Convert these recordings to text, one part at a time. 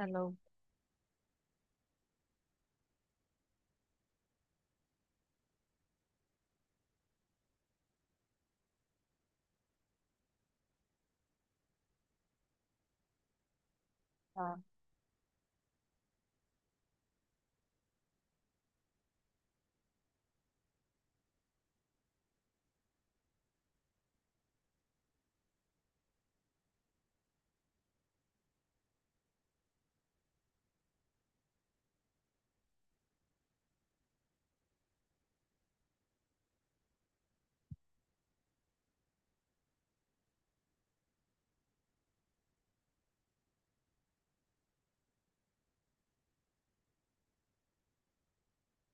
Hello. हाँ।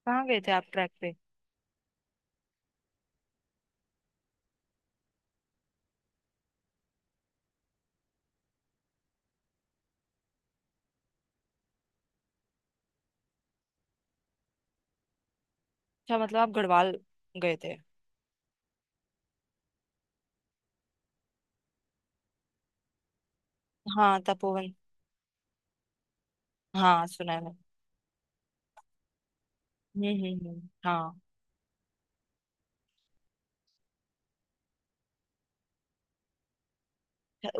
कहाँ गए थे आप ट्रैक पे? अच्छा, मतलब आप गढ़वाल गए थे। हाँ तपोवन। हाँ सुना है। मैंने हाँ।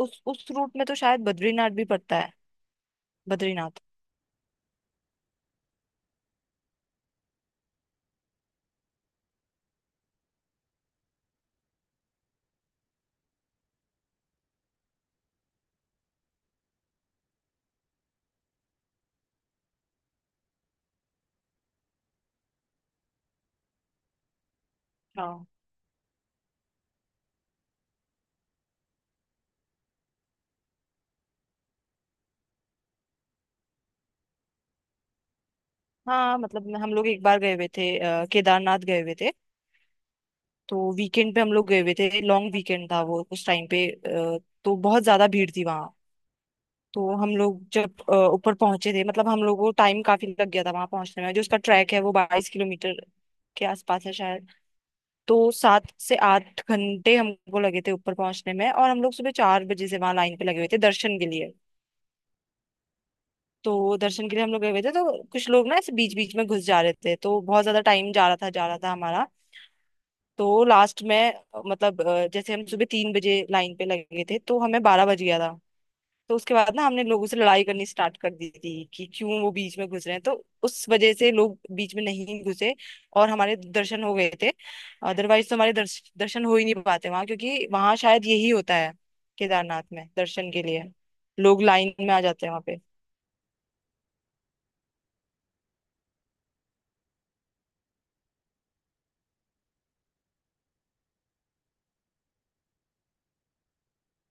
उस रूट में तो शायद बद्रीनाथ भी पड़ता है। बद्रीनाथ। हाँ हाँ मतलब हम लोग एक बार गए हुए थे केदारनाथ गए हुए थे। तो वीकेंड पे हम लोग गए हुए थे, लॉन्ग वीकेंड था वो उस टाइम पे। तो बहुत ज्यादा भीड़ थी वहाँ। तो हम लोग जब ऊपर पहुंचे थे, मतलब हम लोग को टाइम काफी लग गया था वहां पहुंचने में। जो उसका ट्रैक है वो 22 किलोमीटर के आसपास है शायद। तो 7 से 8 घंटे हमको लगे थे ऊपर पहुंचने में, और हम लोग सुबह 4 बजे से वहां लाइन पे लगे हुए थे दर्शन के लिए। तो दर्शन के लिए हम लोग गए हुए थे तो कुछ लोग ना ऐसे बीच बीच में घुस जा रहे थे, तो बहुत ज्यादा टाइम जा रहा था हमारा। तो लास्ट में मतलब जैसे हम सुबह 3 बजे लाइन पे लगे थे तो हमें 12 बज गया था। तो उसके बाद ना हमने लोगों से लड़ाई करनी स्टार्ट कर दी थी कि क्यों वो बीच में घुस रहे हैं। तो उस वजह से लोग बीच में नहीं घुसे और हमारे दर्शन हो गए थे। अदरवाइज तो हमारे दर्शन हो ही नहीं पाते वहां, क्योंकि वहां शायद यही होता है। केदारनाथ में दर्शन के लिए लोग लाइन में आ जाते हैं वहां पे।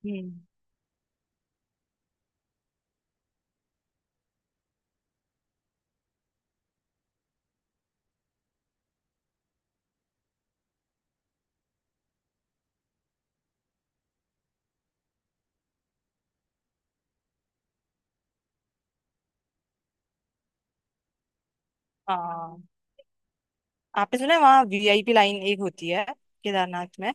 हम्म। हाँ, आपने सुना है वहाँ वीआईपी लाइन एक होती है केदारनाथ में?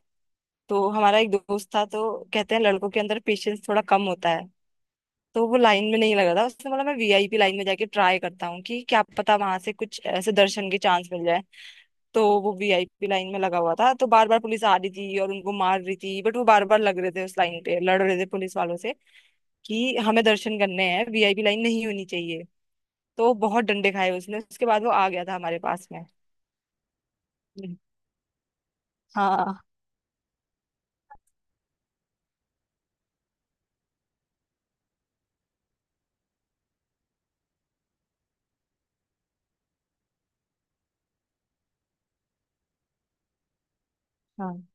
तो हमारा एक दोस्त था तो कहते हैं लड़कों के अंदर पेशेंस थोड़ा कम होता है। तो वो लाइन में नहीं लगा था, उसने बोला मैं वीआईपी लाइन में जाके ट्राई करता हूँ कि क्या पता वहां से कुछ ऐसे दर्शन के चांस मिल जाए। तो वो वीआईपी लाइन में लगा हुआ था तो बार बार पुलिस आ रही थी और उनको मार रही थी, बट वो बार बार लग रहे थे उस लाइन पे, लड़ रहे थे पुलिस वालों से कि हमें दर्शन करने हैं, वीआईपी लाइन नहीं होनी चाहिए। तो बहुत डंडे खाए उसने, उसके बाद वो आ गया था हमारे पास में। हम्म। हाँ। हाँ।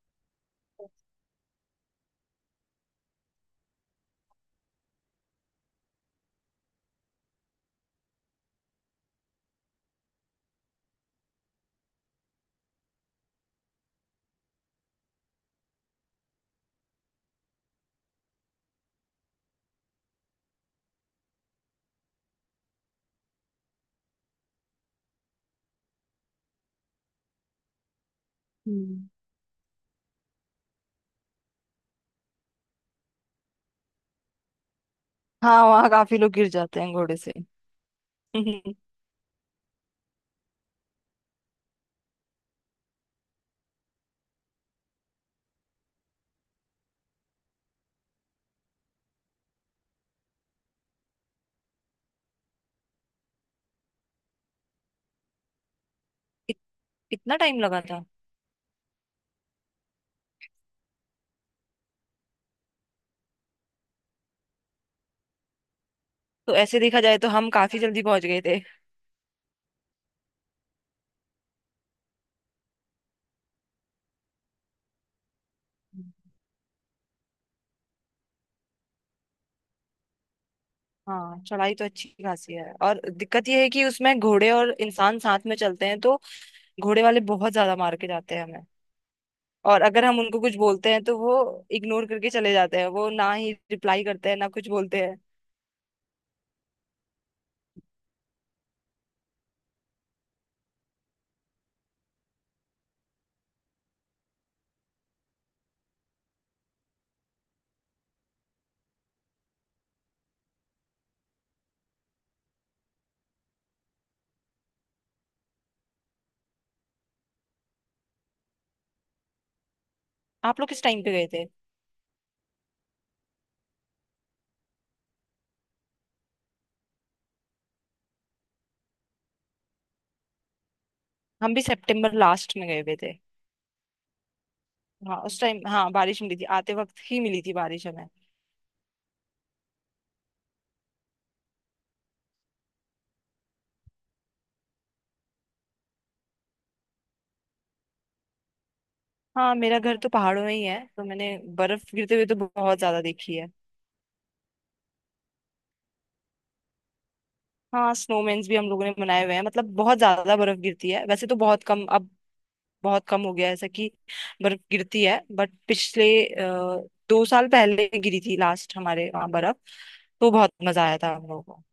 हम्म। हाँ वहाँ काफी लोग गिर जाते हैं घोड़े से। हम्म, इत, इतना टाइम लगा था? तो ऐसे देखा जाए तो हम काफी जल्दी पहुंच गए थे। हाँ चढ़ाई तो अच्छी खासी है, और दिक्कत यह है कि उसमें घोड़े और इंसान साथ में चलते हैं, तो घोड़े वाले बहुत ज्यादा मार के जाते हैं हमें। और अगर हम उनको कुछ बोलते हैं तो वो इग्नोर करके चले जाते हैं, वो ना ही रिप्लाई करते हैं ना कुछ बोलते हैं। आप लोग किस टाइम पे गए थे? हम भी सितंबर लास्ट में गए हुए थे। हाँ उस टाइम हाँ बारिश मिली थी, आते वक्त ही मिली थी बारिश हमें। हाँ मेरा घर तो पहाड़ों में ही है, तो मैंने बर्फ गिरते हुए तो बहुत ज्यादा देखी है। हाँ स्नोमैन्स भी हम लोगों ने बनाए हुए हैं, मतलब बहुत ज्यादा बर्फ गिरती है, वैसे तो बहुत कम अब। बहुत कम हो गया है ऐसा कि बर्फ गिरती है, बट पिछले 2 साल पहले गिरी थी लास्ट हमारे वहाँ बर्फ। तो बहुत मजा आया था हम लोगों को।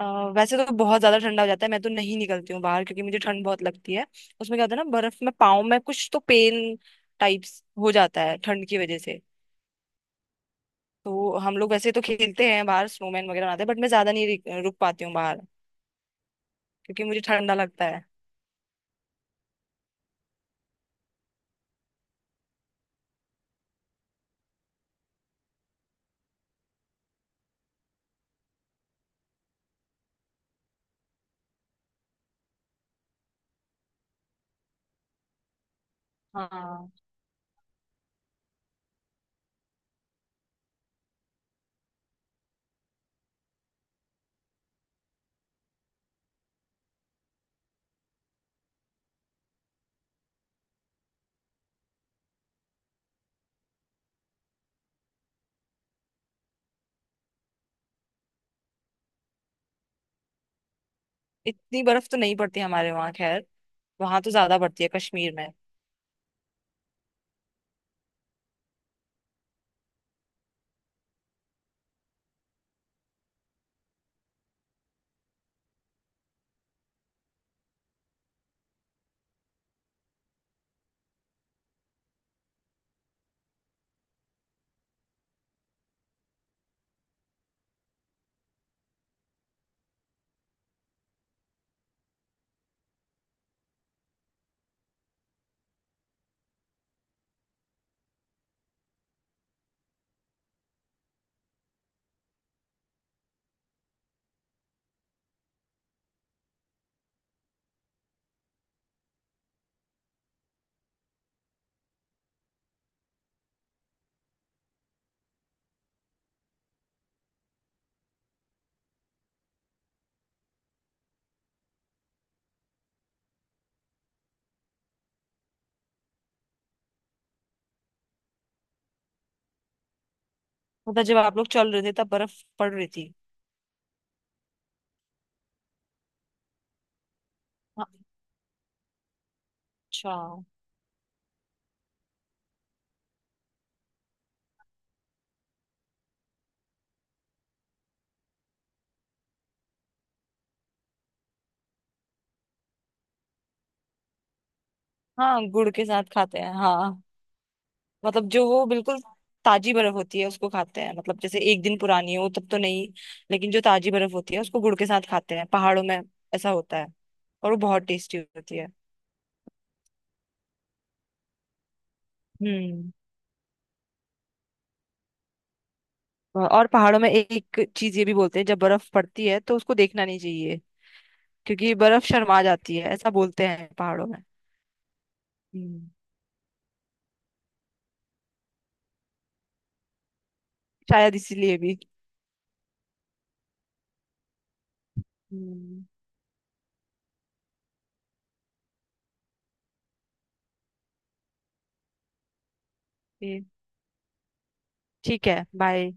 अ, वैसे तो बहुत ज्यादा ठंडा हो जाता है, मैं तो नहीं निकलती हूँ बाहर क्योंकि मुझे ठंड बहुत लगती है। उसमें क्या होता है ना, बर्फ में पाँव में कुछ तो पेन टाइप्स हो जाता है ठंड की वजह से। तो हम लोग वैसे तो खेलते हैं बाहर, स्नोमैन वगैरह बनाते हैं, बट मैं ज्यादा नहीं रुक रुक पाती हूँ बाहर, क्योंकि मुझे ठंडा लगता है। हाँ। इतनी बर्फ तो नहीं पड़ती हमारे वहाँ, खैर। वहां तो ज्यादा पड़ती है कश्मीर में। मतलब जब आप लोग चल रहे थे तब बर्फ पड़ रही थी? हाँ, अच्छा। हाँ गुड़ के साथ खाते हैं, हाँ। मतलब जो वो बिल्कुल ताजी बर्फ होती है उसको खाते हैं, मतलब जैसे एक दिन पुरानी हो तब तो नहीं, लेकिन जो ताजी बर्फ होती है उसको गुड़ के साथ खाते हैं पहाड़ों में। ऐसा होता है। और वो बहुत टेस्टी होती है। हम्म। और पहाड़ों में एक चीज ये भी बोलते हैं, जब बर्फ पड़ती है तो उसको देखना नहीं चाहिए। क्योंकि बर्फ शर्मा जाती है, ऐसा बोलते हैं पहाड़ों में। हम्म। शायद इसीलिए भी। हम्म, ये- ठीक है, बाय।